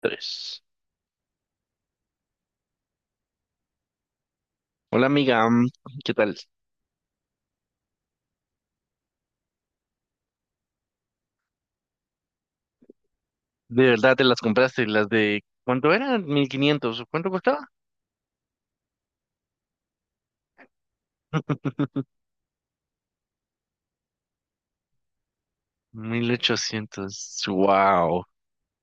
Tres. Hola amiga, ¿qué tal? ¿De verdad te las compraste? ¿Las de cuánto eran? 1500, ¿cuánto costaba? 1800. Wow.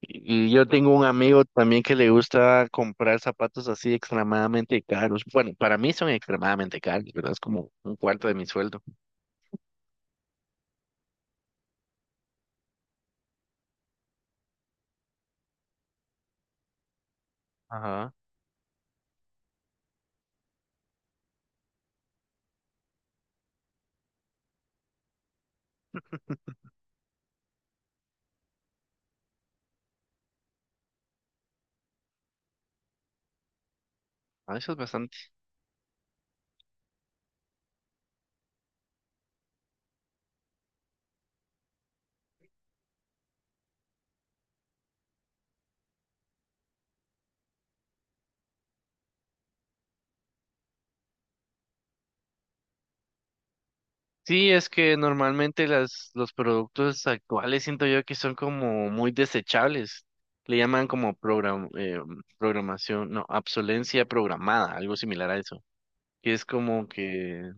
Y yo tengo un amigo también que le gusta comprar zapatos así extremadamente caros. Bueno, para mí son extremadamente caros, ¿verdad? Es como un cuarto de mi sueldo. Ajá. Ah, eso es bastante. Sí, es que normalmente los productos actuales siento yo que son como muy desechables. Le llaman como programación, no, obsolencia programada, algo similar a eso. Que es como que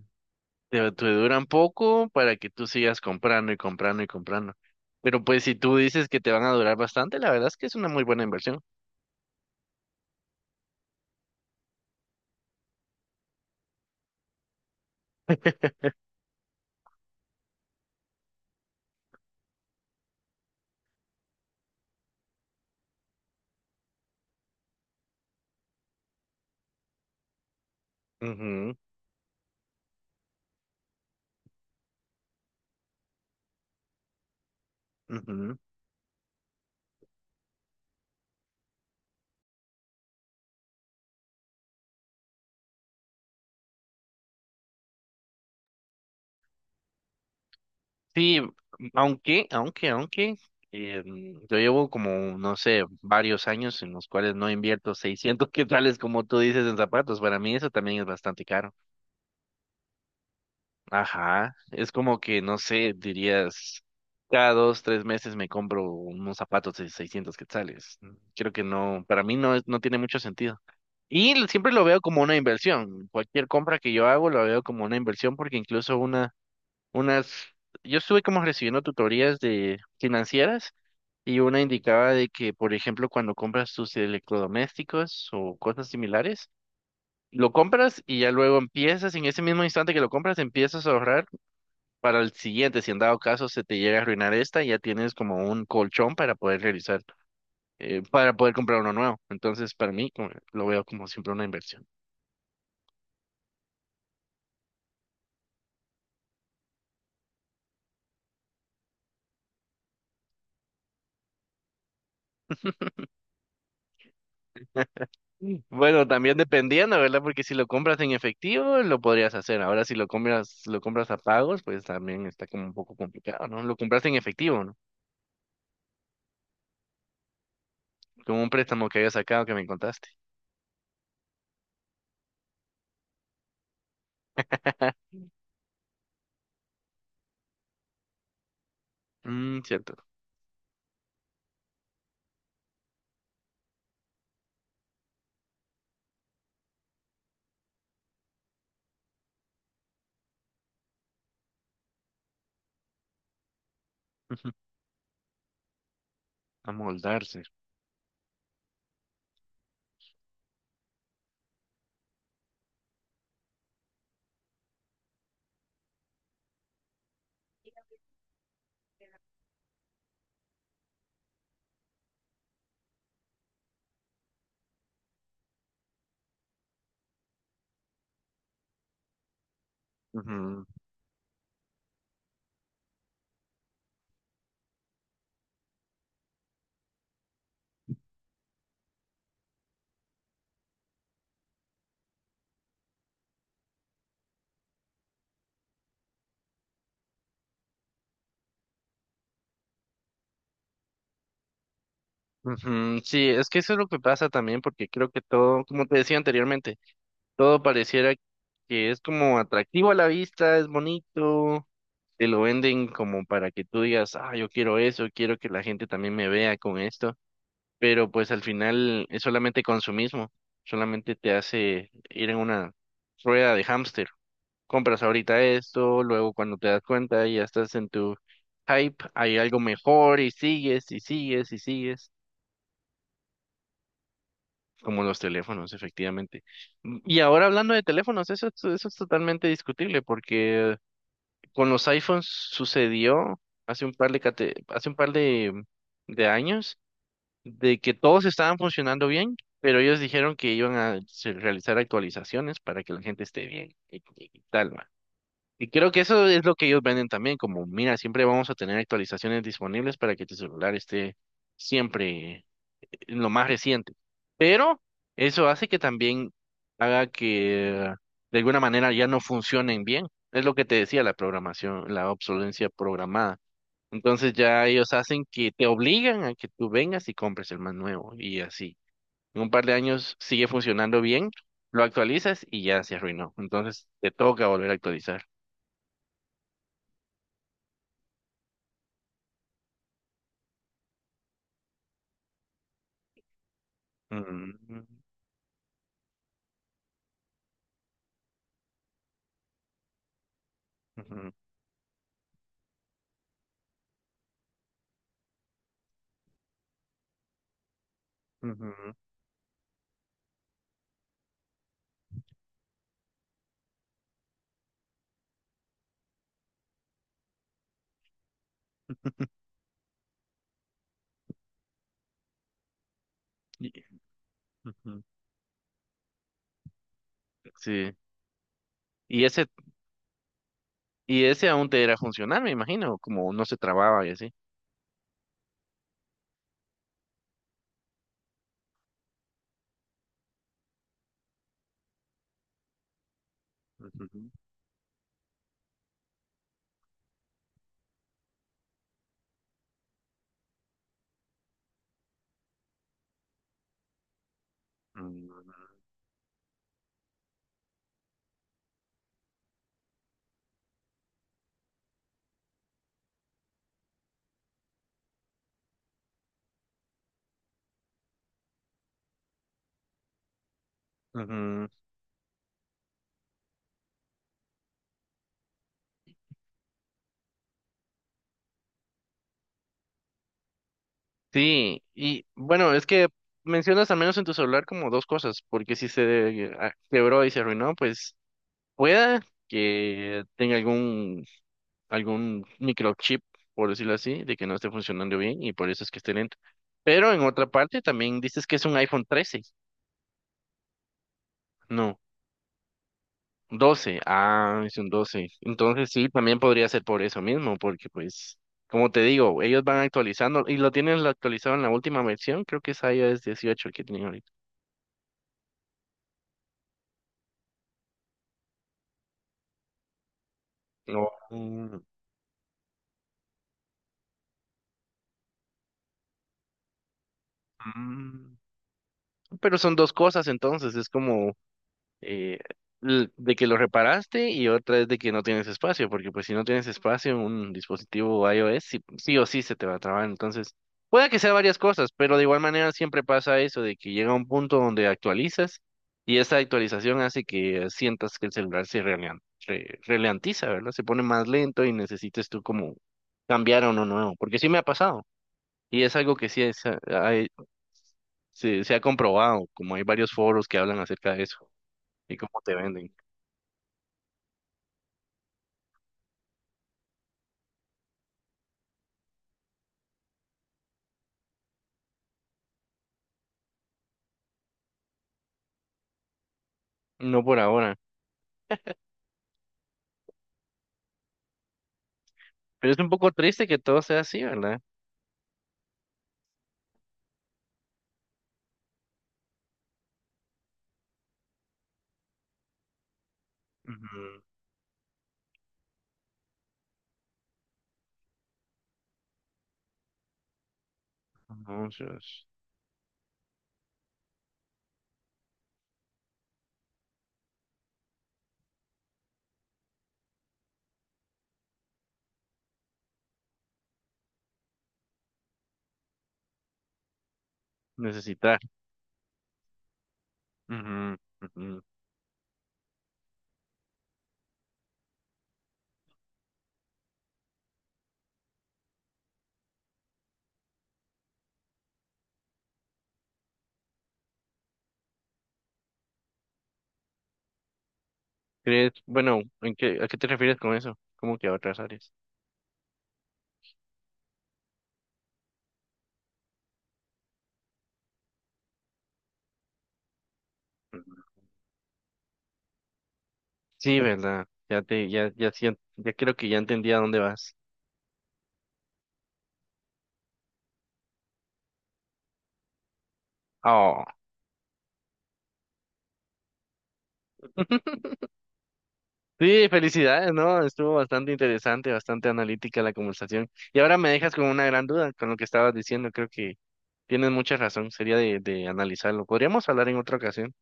te duran poco para que tú sigas comprando y comprando y comprando. Pero pues si tú dices que te van a durar bastante, la verdad es que es una muy buena inversión. Ujú, ujú. Sí, aunque, aunque, aunque, yo llevo como, no sé, varios años en los cuales no invierto 600 quetzales, como tú dices, en zapatos. Para mí eso también es bastante caro. Ajá, es como que, no sé, dirías, cada dos, tres meses me compro unos zapatos de 600 quetzales. Creo que no, para mí no, no tiene mucho sentido. Y siempre lo veo como una inversión. Cualquier compra que yo hago lo veo como una inversión porque incluso unas, yo estuve como recibiendo tutorías de financieras y una indicaba de que, por ejemplo, cuando compras tus electrodomésticos o cosas similares, lo compras y ya luego empiezas, en ese mismo instante que lo compras, empiezas a ahorrar para el siguiente. Si en dado caso se te llega a arruinar esta, ya tienes como un colchón para poder realizar, para poder comprar uno nuevo. Entonces, para mí, lo veo como siempre una inversión. Bueno, también dependiendo, ¿verdad? Porque si lo compras en efectivo, lo podrías hacer. Ahora, si lo compras, lo compras a pagos, pues también está como un poco complicado, ¿no? Lo compraste en efectivo, ¿no? Como un préstamo que había sacado que me contaste. Mm, cierto. Ujú. Amoldarse. Ujú. Ujú. Sí, es que eso es lo que pasa también, porque creo que todo, como te decía anteriormente, todo pareciera que es como atractivo a la vista, es bonito te lo venden como para que tú digas, ah, yo quiero eso, quiero que la gente también me vea con esto, pero pues al final es solamente consumismo, solamente te hace ir en una rueda de hámster. Compras ahorita esto, luego cuando te das cuenta ya estás en tu hype, hay algo mejor y sigues y sigues y sigues, como los teléfonos, efectivamente. Y ahora hablando de teléfonos, eso, eso es totalmente discutible porque con los iPhones sucedió hace un par de años de que todos estaban funcionando bien, pero ellos dijeron que iban a realizar actualizaciones para que la gente esté bien tal, va. Y creo que eso es lo que ellos venden también, como, mira, siempre vamos a tener actualizaciones disponibles para que tu celular esté siempre en lo más reciente. Pero eso hace que también haga que de alguna manera ya no funcionen bien. Es lo que te decía la programación, la obsolencia programada. Entonces ya ellos hacen que te obligan a que tú vengas y compres el más nuevo y así. En un par de años sigue funcionando bien, lo actualizas y ya se arruinó. Entonces te toca volver a actualizar. Ujú, ujú, ujú. Y- ujú. Sí. Y ese, y ese aún te era funcionar, me imagino, como no se trababa y así. Ujú, ujú. Sí, y bueno, es que mencionas al menos en tu celular como dos cosas, porque si se quebró y se arruinó, pues pueda que tenga algún, algún microchip, por decirlo así, de que no esté funcionando bien y por eso es que esté lento. Pero en otra parte también dices que es un iPhone 13. No, 12. Ah, es un 12. Entonces sí, también podría ser por eso mismo, porque pues, como te digo, ellos van actualizando y lo tienen actualizado en la última versión. Creo que es iOS 18 el que tienen ahorita. No. Mm. Pero son dos cosas entonces, es como eh, de que lo reparaste y otra es de que no tienes espacio, porque pues si no tienes espacio en un dispositivo iOS, sí, sí o sí se te va a trabar. Entonces, puede que sea varias cosas, pero de igual manera siempre pasa eso, de que llega un punto donde actualizas y esa actualización hace que sientas que el celular ralentiza, ¿verdad? Se pone más lento y necesites tú como cambiar a uno nuevo, porque sí me ha pasado. Y es algo que sí hay- se, se ha comprobado, como hay varios foros que hablan acerca de eso y cómo te venden. No por ahora. Pero es un poco triste que todo sea así, ¿verdad? Ujú. Anuncios. Necesitar. Ujú, ujú. ¿Crees? Bueno, ¿en qué, a qué te refieres con eso? ¿Cómo que a otras áreas? Sí, ¿verdad? Ya te, ya, ya siento, ya creo que ya entendí a dónde vas. Oh. Sí, felicidades, ¿no? Estuvo bastante interesante, bastante analítica la conversación. Y ahora me dejas con una gran duda con lo que estabas diciendo. Creo que tienes mucha razón. Sería de analizarlo. Podríamos hablar en otra ocasión.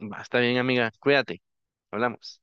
Va, está bien, amiga. Cuídate. Hablamos.